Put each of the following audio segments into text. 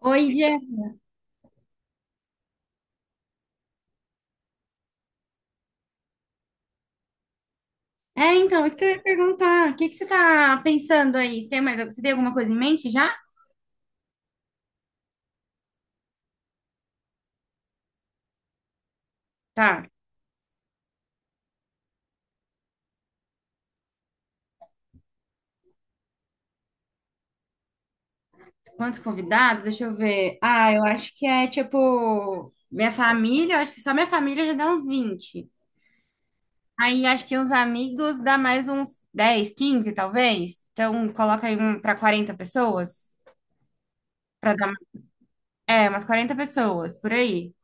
Oi, Gê. É, então, isso que eu ia perguntar. O que que você tá pensando aí? Você tem alguma coisa em mente já? Tá. Quantos convidados? Deixa eu ver. Ah, eu acho que é tipo minha família, eu acho que só minha família já dá uns 20. Aí acho que uns amigos dá mais uns 10, 15 talvez. Então, coloca aí um para 40 pessoas, para dar, umas 40 pessoas por aí.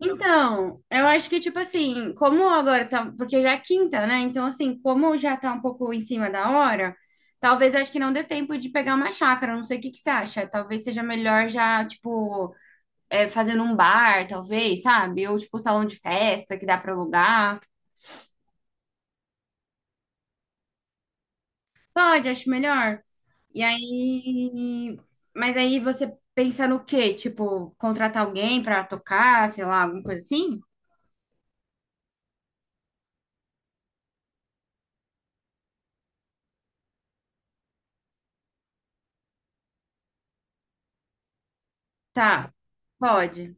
Então, eu acho que, tipo assim, como agora tá. Porque já é quinta, né? Então, assim, como já tá um pouco em cima da hora, talvez acho que não dê tempo de pegar uma chácara. Não sei o que que você acha. Talvez seja melhor já, tipo, fazer num bar, talvez, sabe? Ou, tipo, salão de festa que dá pra alugar. Pode, acho melhor. E aí. Mas aí você pensa no quê? Tipo, contratar alguém pra tocar, sei lá, alguma coisa assim? Tá, pode.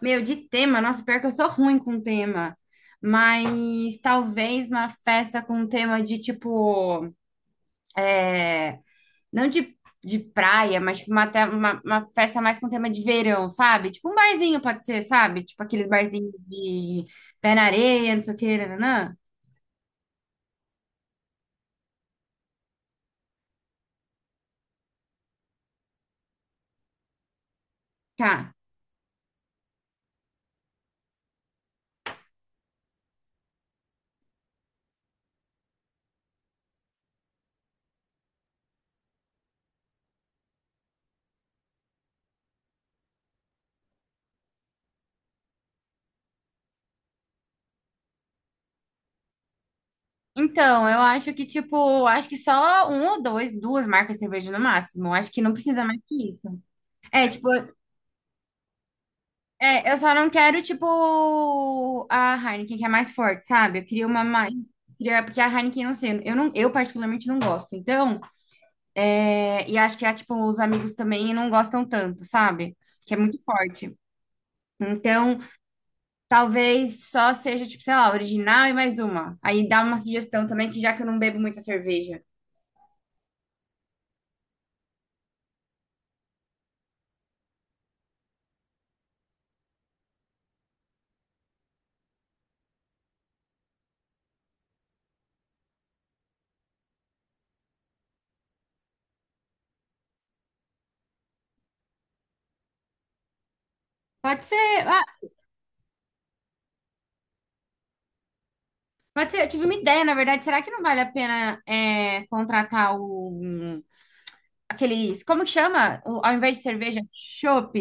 Meu, de tema, nossa, pior que eu sou ruim com tema. Mas talvez uma festa com tema de tipo, é, não de praia, mas tipo, uma festa mais com tema de verão, sabe? Tipo um barzinho pode ser, sabe? Tipo aqueles barzinhos de pé na areia, não sei o que, nananã. Tá. Então, eu acho que, tipo, acho que só um ou dois, duas marcas de cerveja no máximo. Acho que não precisa mais que isso. É, tipo, É, eu só não quero, tipo, a Heineken, que é mais forte, sabe? Eu queria uma mais. Porque a Heineken, não sei, eu, não, eu particularmente não gosto. Então, e acho que, tipo, os amigos também não gostam tanto, sabe? Que é muito forte. Então, talvez só seja, tipo, sei lá, original e mais uma. Aí dá uma sugestão também, que já que eu não bebo muita cerveja. Pode ser, ah, pode ser, eu tive uma ideia, na verdade. Será que não vale a pena, contratar aqueles, como que chama? Ao invés de cerveja, chopp?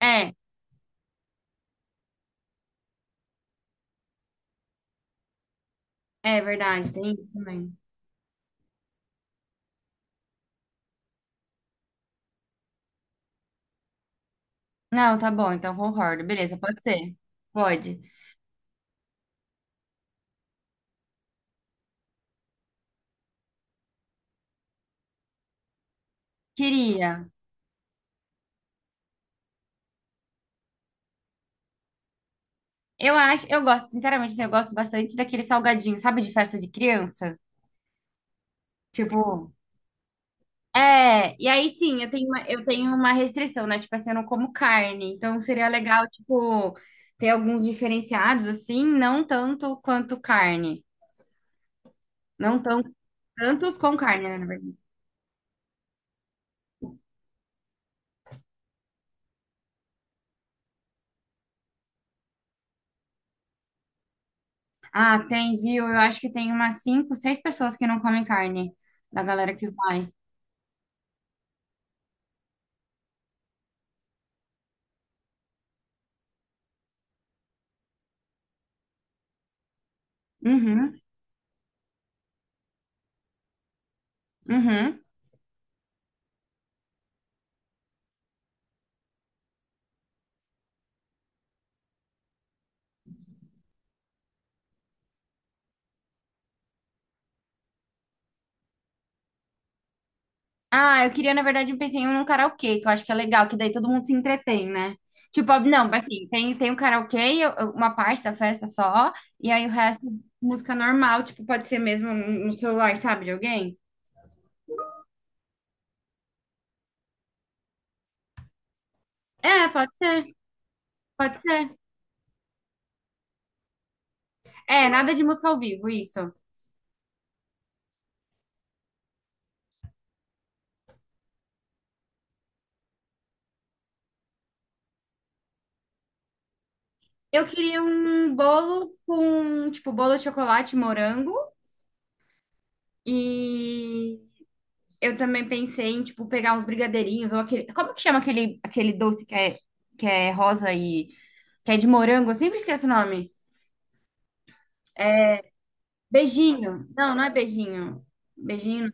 É, é verdade, tem isso também. Não, tá bom, então concordo. Beleza, pode ser. Pode. Queria. Eu gosto, sinceramente, assim, eu gosto bastante daquele salgadinho, sabe, de festa de criança? Tipo, e aí sim, eu tenho uma restrição, né? Tipo assim, eu não como carne, então seria legal, tipo, ter alguns diferenciados, assim, não tanto quanto carne. Não tantos com carne, né, na verdade. Ah, tem, viu? Eu acho que tem umas cinco, seis pessoas que não comem carne, da galera que vai. Uhum, uhum. Ah, eu queria, na verdade, um pezinho num karaokê, que eu acho que é legal, que daí todo mundo se entretém, né? Tipo, não, assim, tem o karaokê, uma parte da festa só, e aí o resto, música normal, tipo, pode ser mesmo no celular, sabe, de alguém? É, pode ser, pode ser. É, nada de música ao vivo, isso. Eu queria um bolo com, tipo, bolo de chocolate, morango e eu também pensei em, tipo, pegar uns brigadeirinhos ou aquele. Como que chama aquele doce que é rosa e que é de morango? Eu sempre esqueço o nome. É beijinho. Não, não é beijinho. Beijinho.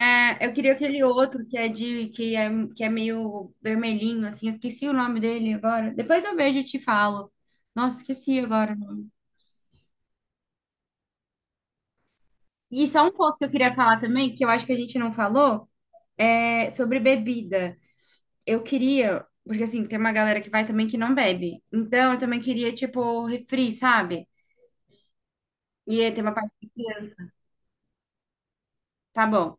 É, eu queria aquele outro que é meio vermelhinho, assim. Eu esqueci o nome dele agora. Depois eu vejo e te falo. Nossa, esqueci agora. E só um pouco que eu queria falar também, que eu acho que a gente não falou, é sobre bebida. Eu queria, porque assim, tem uma galera que vai também que não bebe. Então eu também queria, tipo, refri, sabe? E aí tem uma parte de criança. Tá bom.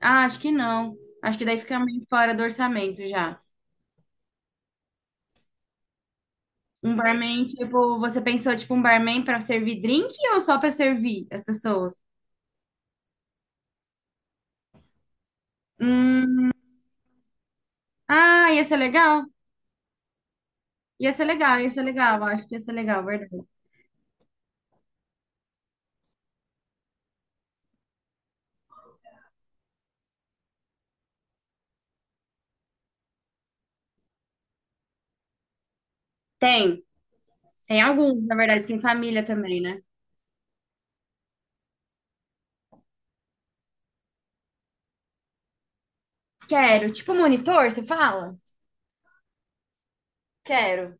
Ah, acho que não. Acho que daí fica meio fora do orçamento já. Um barman, tipo, você pensou, tipo, um barman pra servir drink ou só pra servir as pessoas? Hum, ah, ia ser legal. Ia ser legal, ia ser legal. Acho que ia ser legal, verdade. Tem. Tem alguns, na verdade, tem família também, né? Quero. Tipo, monitor, você fala? Quero.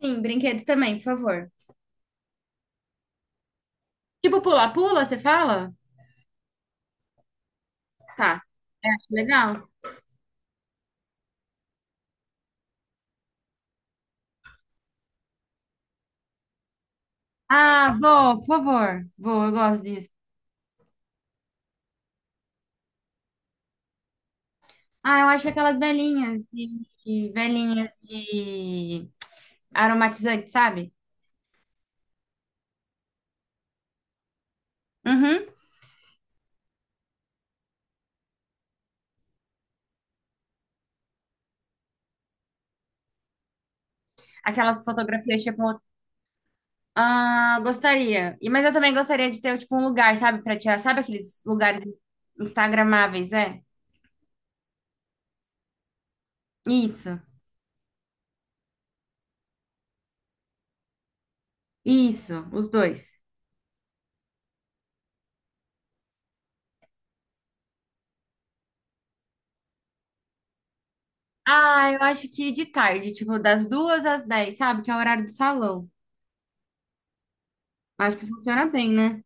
Sim, brinquedos também, por favor. Tipo pula-pula, você fala? Tá. É, acho legal. Ah, vou, por favor. Vou, eu gosto disso. Ah, eu acho aquelas velhinhas de aromatizante, sabe? Uhum. Aquelas fotografias, tipo, ah, gostaria. Mas eu também gostaria de ter, tipo, um lugar, sabe, pra tirar. Sabe aqueles lugares instagramáveis, é? Isso, isso, os dois. Ah, eu acho que de tarde, tipo, das duas às 10, sabe? Que é o horário do salão. Acho que funciona bem, né?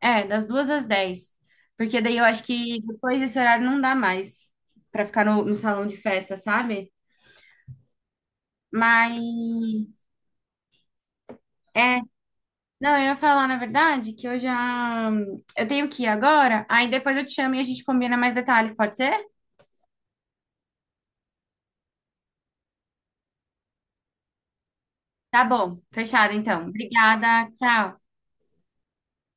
É, das duas às 10. Porque daí eu acho que depois desse horário não dá mais pra ficar no salão de festa, sabe? Mas é, não, eu ia falar na verdade que eu tenho que ir agora, aí depois eu te chamo e a gente combina mais detalhes, pode ser? Tá bom, fechado então. Obrigada, tchau.